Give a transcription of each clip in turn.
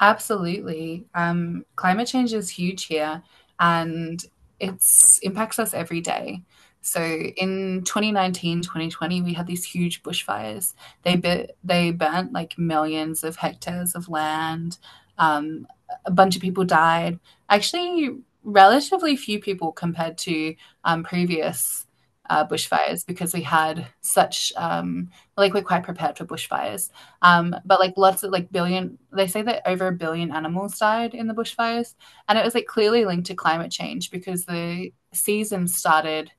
Absolutely. Climate change is huge here and it's impacts us every day. So in 2019 2020, we had these huge bushfires. They burnt like millions of hectares of land. Um, a bunch of people died. Actually, relatively few people compared to previous bushfires because we had such like we're quite prepared for bushfires. But like lots of like billion, they say that over a billion animals died in the bushfires, and it was like clearly linked to climate change because the season started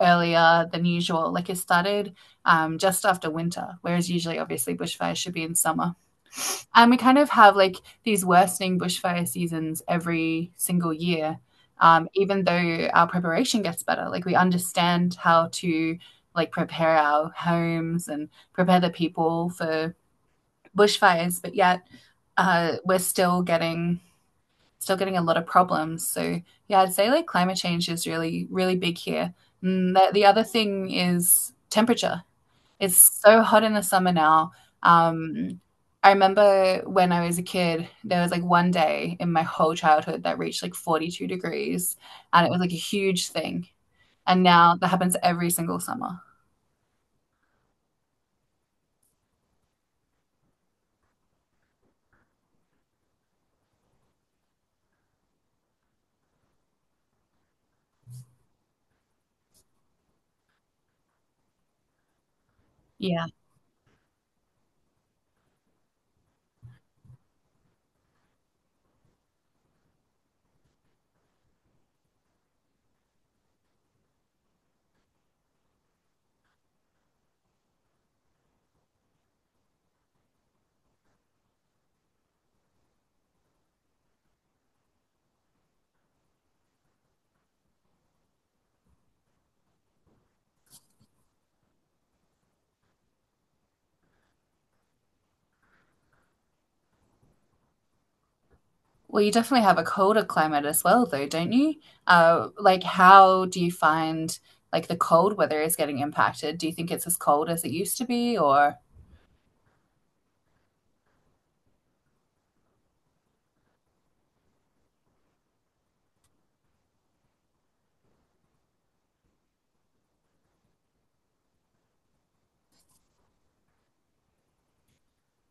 earlier than usual. Like it started just after winter, whereas usually, obviously, bushfires should be in summer. And we kind of have like these worsening bushfire seasons every single year, even though our preparation gets better. Like we understand how to like prepare our homes and prepare the people for bushfires, but yet we're still getting a lot of problems. So yeah, I'd say like climate change is really really big here. And the other thing is temperature. It's so hot in the summer now. Um, I remember when I was a kid, there was like one day in my whole childhood that reached like 42 degrees, and it was like a huge thing. And now that happens every single summer. Yeah. Well, you definitely have a colder climate as well, though, don't you? Like, how do you find like the cold weather is getting impacted? Do you think it's as cold as it used to be, or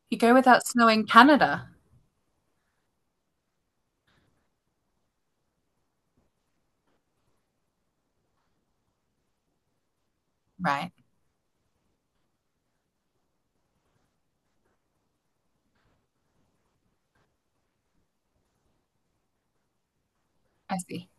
you go without snow in Canada? Right, I see.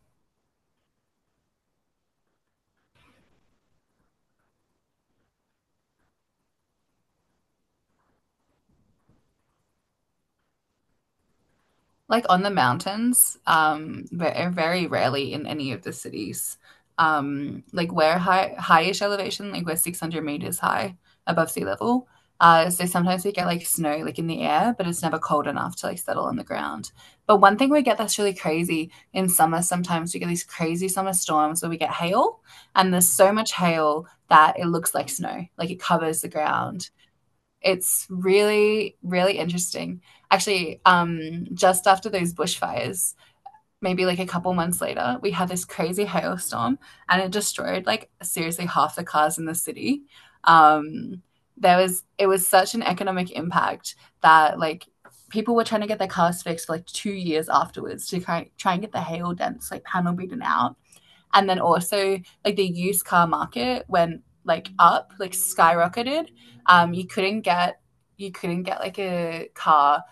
Like on the mountains, very rarely in any of the cities. Like we're highish elevation, like we're 600 meters high above sea level. So sometimes we get like snow like in the air, but it's never cold enough to like settle on the ground. But one thing we get that's really crazy in summer, sometimes we get these crazy summer storms where we get hail, and there's so much hail that it looks like snow, like it covers the ground. It's really, really interesting. Actually, just after those bushfires, maybe like a couple months later, we had this crazy hailstorm and it destroyed like seriously half the cars in the city. Um, there was it was such an economic impact that like people were trying to get their cars fixed for like 2 years afterwards to try and get the hail dents like panel beaten out, and then also like the used car market went like up, like skyrocketed. You couldn't get, you couldn't get like a car,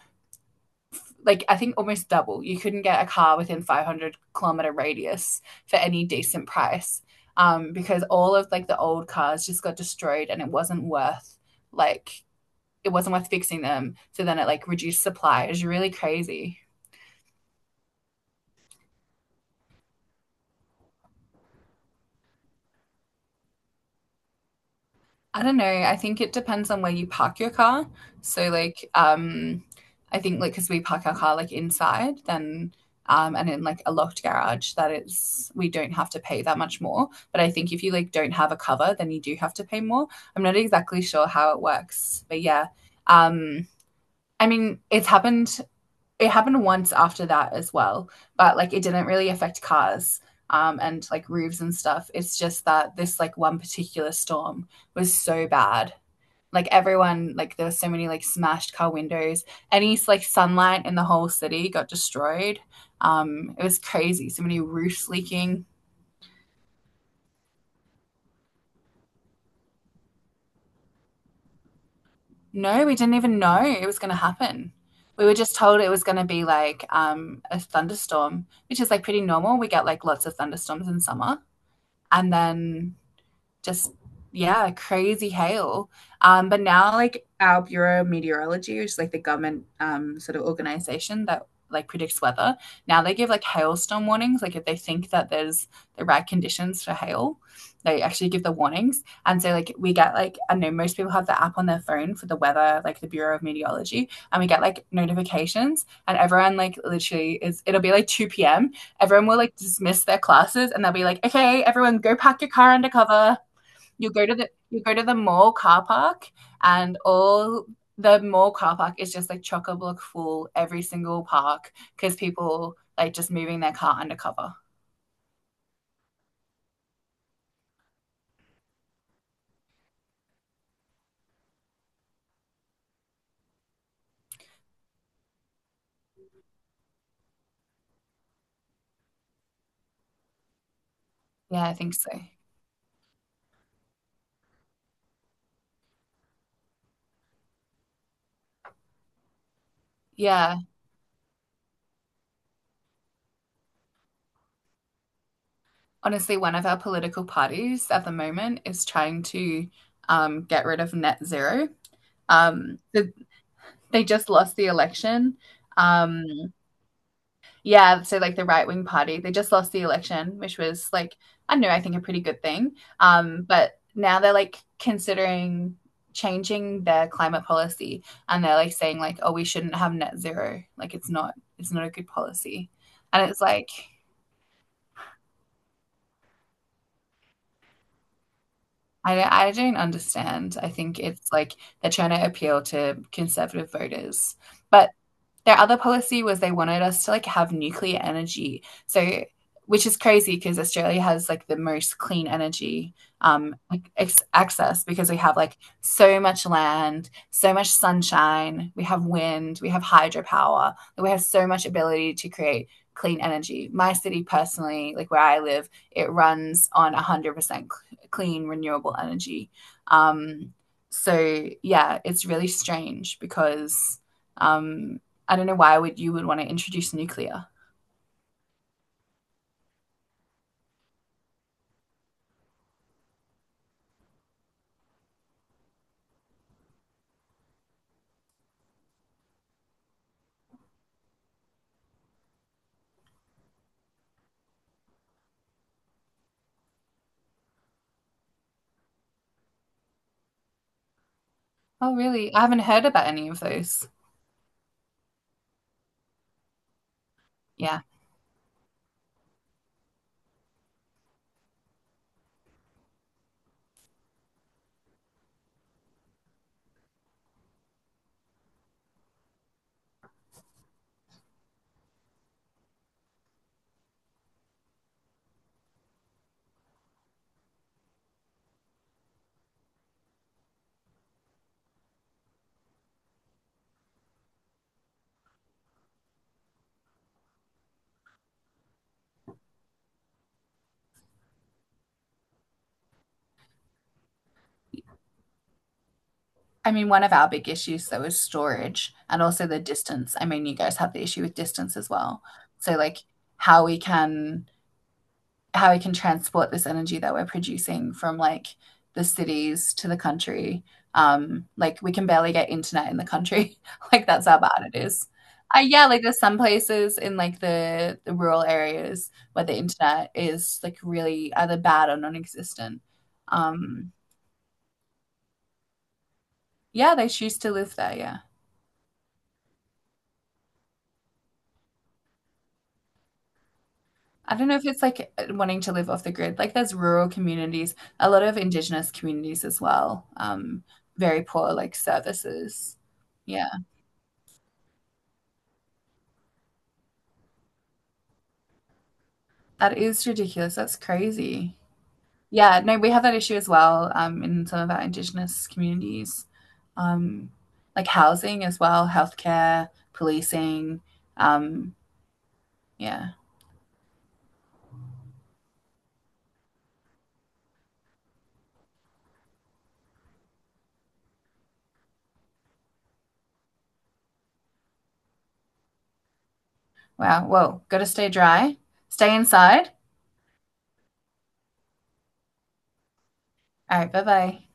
like I think almost double. You couldn't get a car within 500-kilometer radius for any decent price, because all of like the old cars just got destroyed, and like it wasn't worth fixing them. So then it like reduced supply. It was really crazy. I don't know. I think it depends on where you park your car. So like I think like because we park our car like inside, then and in like a locked garage, that is, we don't have to pay that much more. But I think if you like don't have a cover, then you do have to pay more. I'm not exactly sure how it works. But yeah. Um I mean, it happened once after that as well, but like it didn't really affect cars and like roofs and stuff. It's just that this like one particular storm was so bad, like everyone like there were so many like smashed car windows, any like sunlight in the whole city got destroyed. It was crazy, so many roofs leaking. No, we didn't even know it was going to happen. We were just told it was going to be like a thunderstorm, which is like pretty normal. We get like lots of thunderstorms in summer, and then just, yeah, crazy hail. But now like our Bureau of Meteorology, which is like the government sort of organization that like predicts weather, now they give like hailstorm warnings. Like if they think that there's the right conditions for hail, they actually give the warnings. And so like we get like I know most people have the app on their phone for the weather, like the Bureau of Meteorology, and we get like notifications, and everyone like literally is, it'll be like two PM. Everyone will like dismiss their classes, and they'll be like, "Okay, everyone go pack your car under cover, you go to the mall car park," and all the mall car park is just like chock a block full every single park because people like just moving their car undercover. Yeah, I think so. Yeah. Honestly, one of our political parties at the moment is trying to get rid of net zero. Um, the, they just lost the election. Um, Yeah, so like the right wing party, they just lost the election, which was like, I don't know, I think a pretty good thing. But now they're like considering changing their climate policy, and they're like saying like, oh, we shouldn't have net zero. Like it's not a good policy. And it's like I don't understand. I think it's like they're trying to appeal to conservative voters. But their other policy was they wanted us to like have nuclear energy. So, which is crazy because Australia has like the most clean energy like access, because we have like so much land, so much sunshine, we have wind, we have hydropower. Like, we have so much ability to create clean energy. My city personally, like where I live, it runs on 100% clean renewable energy. Um so yeah, it's really strange because um I don't know why would you would want to introduce nuclear. Oh, really? I haven't heard about any of those. Yeah. I mean, one of our big issues though is storage and also the distance. I mean, you guys have the issue with distance as well. So like how we can how we can transport this energy that we're producing from like the cities to the country. Like we can barely get internet in the country. Like that's how bad it is. Yeah, like there's some places in like the rural areas where the internet is like really either bad or non-existent. Um, yeah, they choose to live there. Yeah. I don't know if it's like wanting to live off the grid. Like there's rural communities, a lot of indigenous communities as well. Very poor like services. Yeah. That is ridiculous. That's crazy. Yeah, no, we have that issue as well in some of our Indigenous communities, um, like housing as well, healthcare, policing. Um, yeah. Wow. Whoa. Got to stay dry. Stay inside. All right. Bye bye.